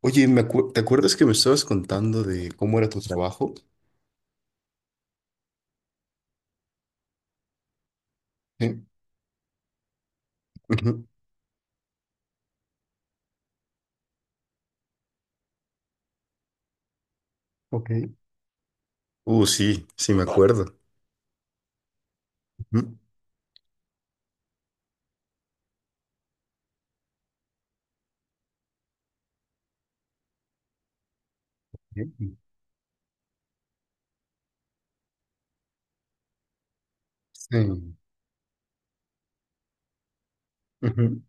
Oye, ¿te acuerdas que me estabas contando de cómo era tu trabajo? Sí. Ujú. Ok. Sí, sí, me acuerdo. Ujú. Bien. Sí. Ujú.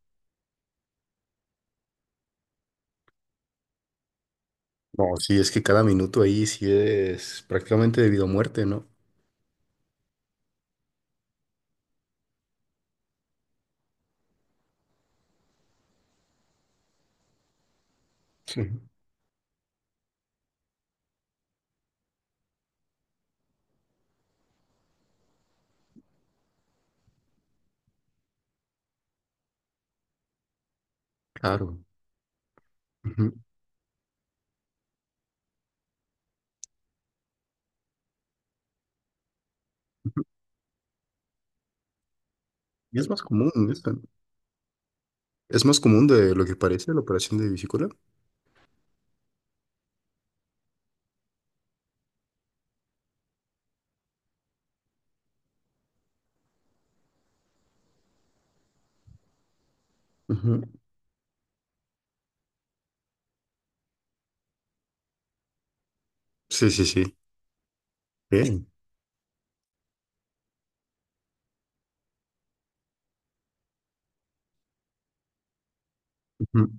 No, sí, es que cada minuto ahí sí es prácticamente debido a muerte, ¿no? Sí. Claro. Ujú. Y es más común, es más común de lo que parece la operación de vesícula. Ujú. Sí, sí, sí. Bien. Ujú.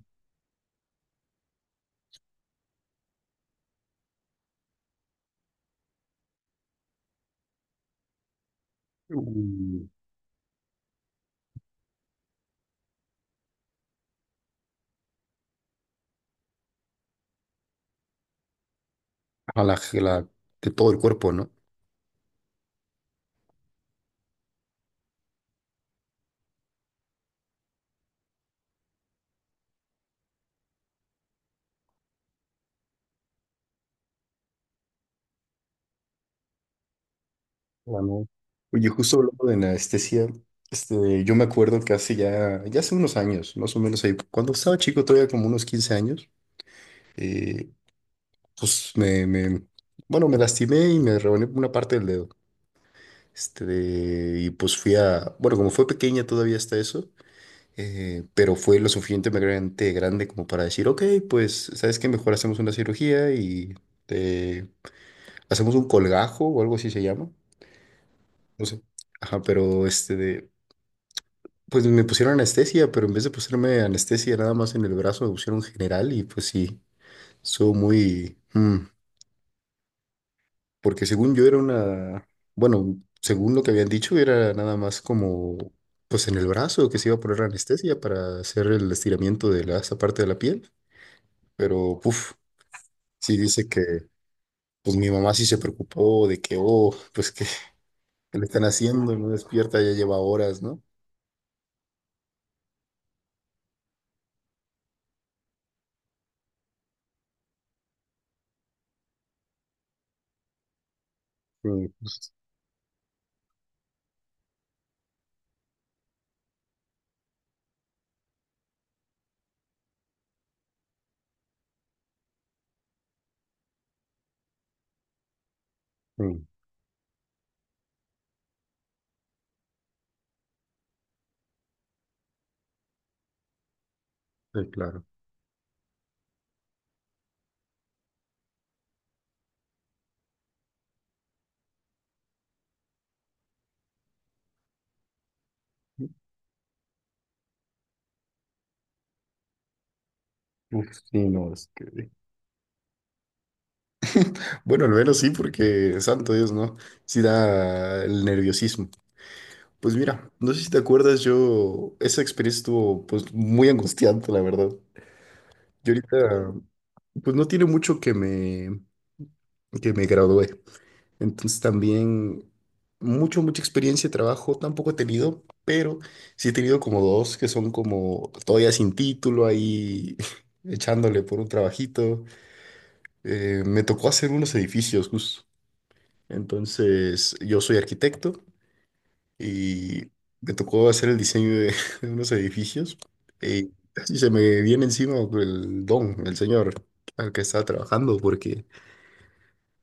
Uh, a la, la- de todo el cuerpo, ¿no? Ah, no. Oye, justo hablando de anestesia, este, yo me acuerdo que hace ya, ya hace unos años, más o menos ahí, cuando estaba chico, todavía como unos 15 años, eh, pues bueno, me lastimé y me rebané una parte del dedo. Este, y pues fui a, bueno, como fue pequeña todavía hasta eso, pero fue lo suficientemente grande como para decir, ok, pues, ¿sabes qué? Mejor hacemos una cirugía y te- hacemos un colgajo o algo así se llama, no sé. Ajá, pero este de, pues me pusieron anestesia, pero en vez de ponerme anestesia nada más en el brazo, me pusieron general y pues sí, soy muy... porque según yo era una... Bueno, según lo que habían dicho, era nada más como... Pues en el brazo que se iba a poner anestesia para hacer el estiramiento de la, esa parte de la piel. Pero, puf, sí dice que... Pues mi mamá sí se preocupó de que, oh, pues que le están haciendo, no despierta, ya lleva horas, ¿no? Sí, pues, sí, sí, claro. Uf, sí, no, es que... Bueno, al menos sí, porque santo Dios, ¿no? Sí da el nerviosismo. Pues mira, no sé si te acuerdas, yo, esa experiencia estuvo pues muy angustiante, la verdad. Yo ahorita, pues no tiene mucho que me gradué. Entonces también mucho, mucha experiencia de trabajo tampoco he tenido, pero sí he tenido como dos que son como todavía sin título ahí echándole por un trabajito. Me tocó hacer unos edificios, justo. Entonces, yo soy arquitecto y me tocó hacer el diseño de, de unos edificios y casi se me viene encima el don, el señor al que estaba trabajando, porque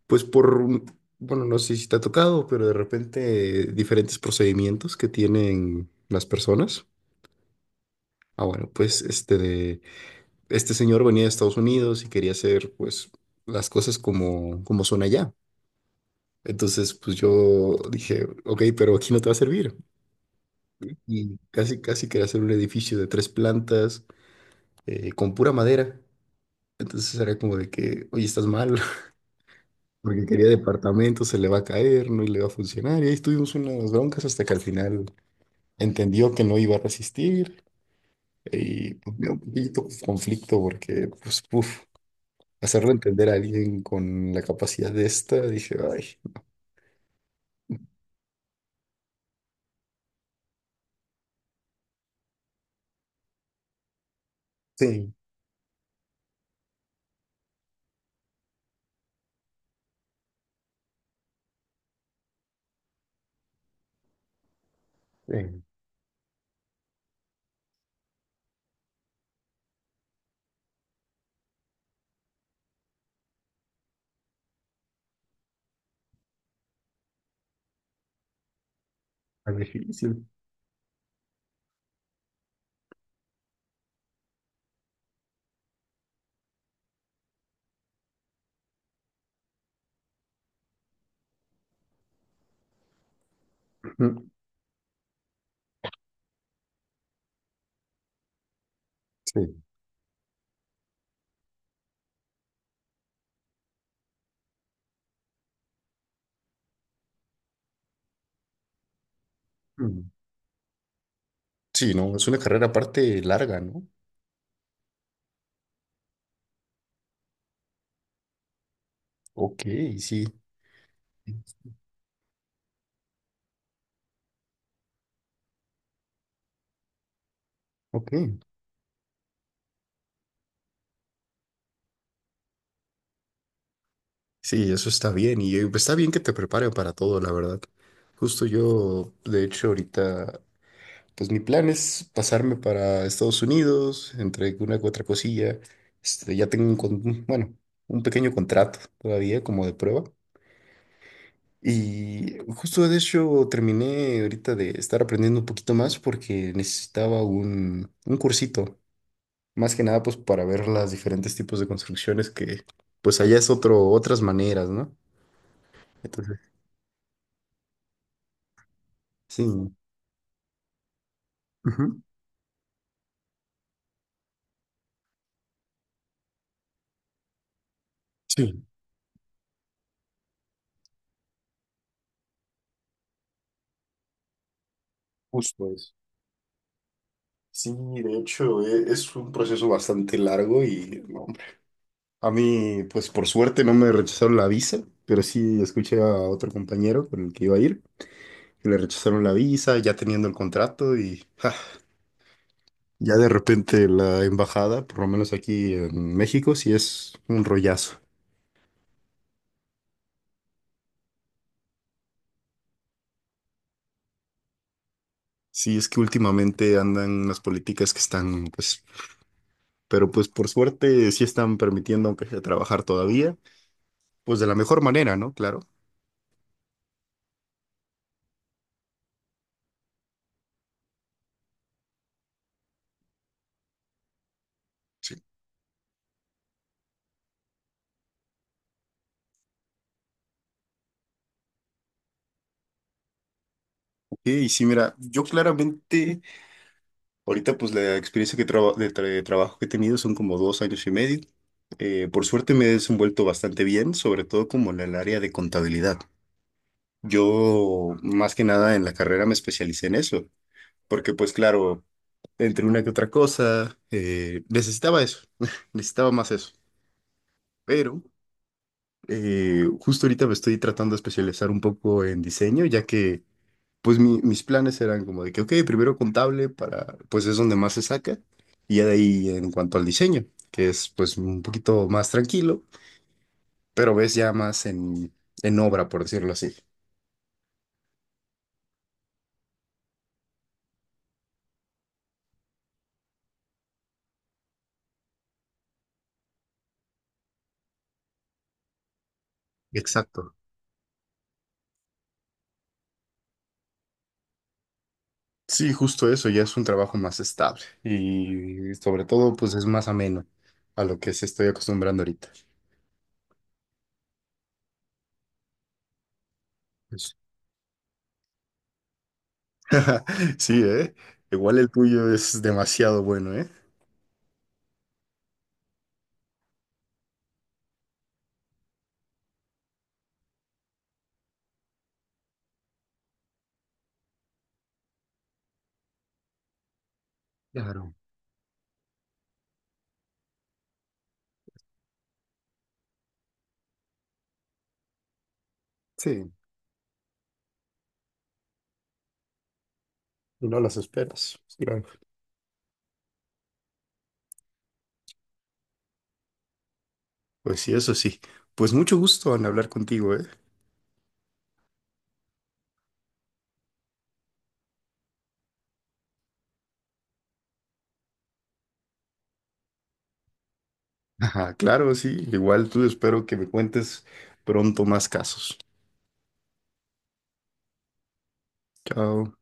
pues bueno, no sé si te ha tocado, pero de repente diferentes procedimientos que tienen las personas. Ah, bueno, pues este de, este señor venía de Estados Unidos y quería hacer pues las cosas como, como son allá. Entonces, pues yo dije, ok, pero aquí no te va a servir. Y casi, casi quería hacer un edificio de tres plantas con pura madera. Entonces era como de que, oye, estás mal, porque quería departamento, se le va a caer, no le va a funcionar. Y ahí estuvimos unas broncas hasta que al final entendió que no iba a resistir. Y pues, me dio un poquito conflicto porque, pues, uf, hacerlo entender a alguien con la capacidad de esta, dije, ay, sí, sí, es difícil. Ujú. Sí. Mm. Sí, no, es una carrera aparte larga, ¿no? Ok, sí. Ok, sí, eso está bien y está bien que te preparen para todo, la verdad. Justo yo, de hecho, ahorita, pues mi plan es pasarme para Estados Unidos, entre una u otra cosilla. Este, ya tengo bueno, un pequeño contrato todavía como de prueba. Y justo de hecho terminé ahorita de estar aprendiendo un poquito más porque necesitaba un cursito, más que nada pues para ver los diferentes tipos de construcciones que pues allá es otro, otras maneras, ¿no? Sí. ¿No? Ujú. Sí, justo eso. Sí, de hecho, es un proceso bastante largo y no, hombre. A mí, pues por suerte no me rechazaron la visa, pero sí escuché a otro compañero con el que iba a ir, que le rechazaron la visa ya teniendo el contrato y ja, ya de repente la embajada, por lo menos aquí en México, sí es un rollazo. Sí, es que últimamente andan las políticas que están, pues, pero pues por suerte sí están permitiendo, aunque sea trabajar todavía. Pues de la mejor manera, ¿no? Claro. Y sí, mira, yo claramente, ahorita pues la experiencia que traba- de, tra- de trabajo que he tenido son como 2 años y medio. Por suerte me he desenvuelto bastante bien, sobre todo como en el área de contabilidad. Yo más que nada en la carrera me especialicé en eso, porque pues claro, entre una que otra cosa, necesitaba eso, necesitaba más eso. Pero justo ahorita me estoy tratando de especializar un poco en diseño, ya que... Pues mis planes eran como de que, ok, primero contable para, pues es donde más se saca, y ya de ahí en cuanto al diseño, que es pues un poquito más tranquilo, pero ves ya más en obra, por decirlo así. Exacto. Sí, justo eso, ya es un trabajo más estable y sobre todo pues es más ameno a lo que se estoy acostumbrando ahorita. Pues- Sí, ¿eh? Igual el tuyo es demasiado bueno, ¿eh? Claro. Sí, y no las esperas. Claro. Pues sí, eso sí. Pues mucho gusto en hablar contigo, ¿eh? Ajá, claro, sí. Igual tú espero que me cuentes pronto más casos. Chao.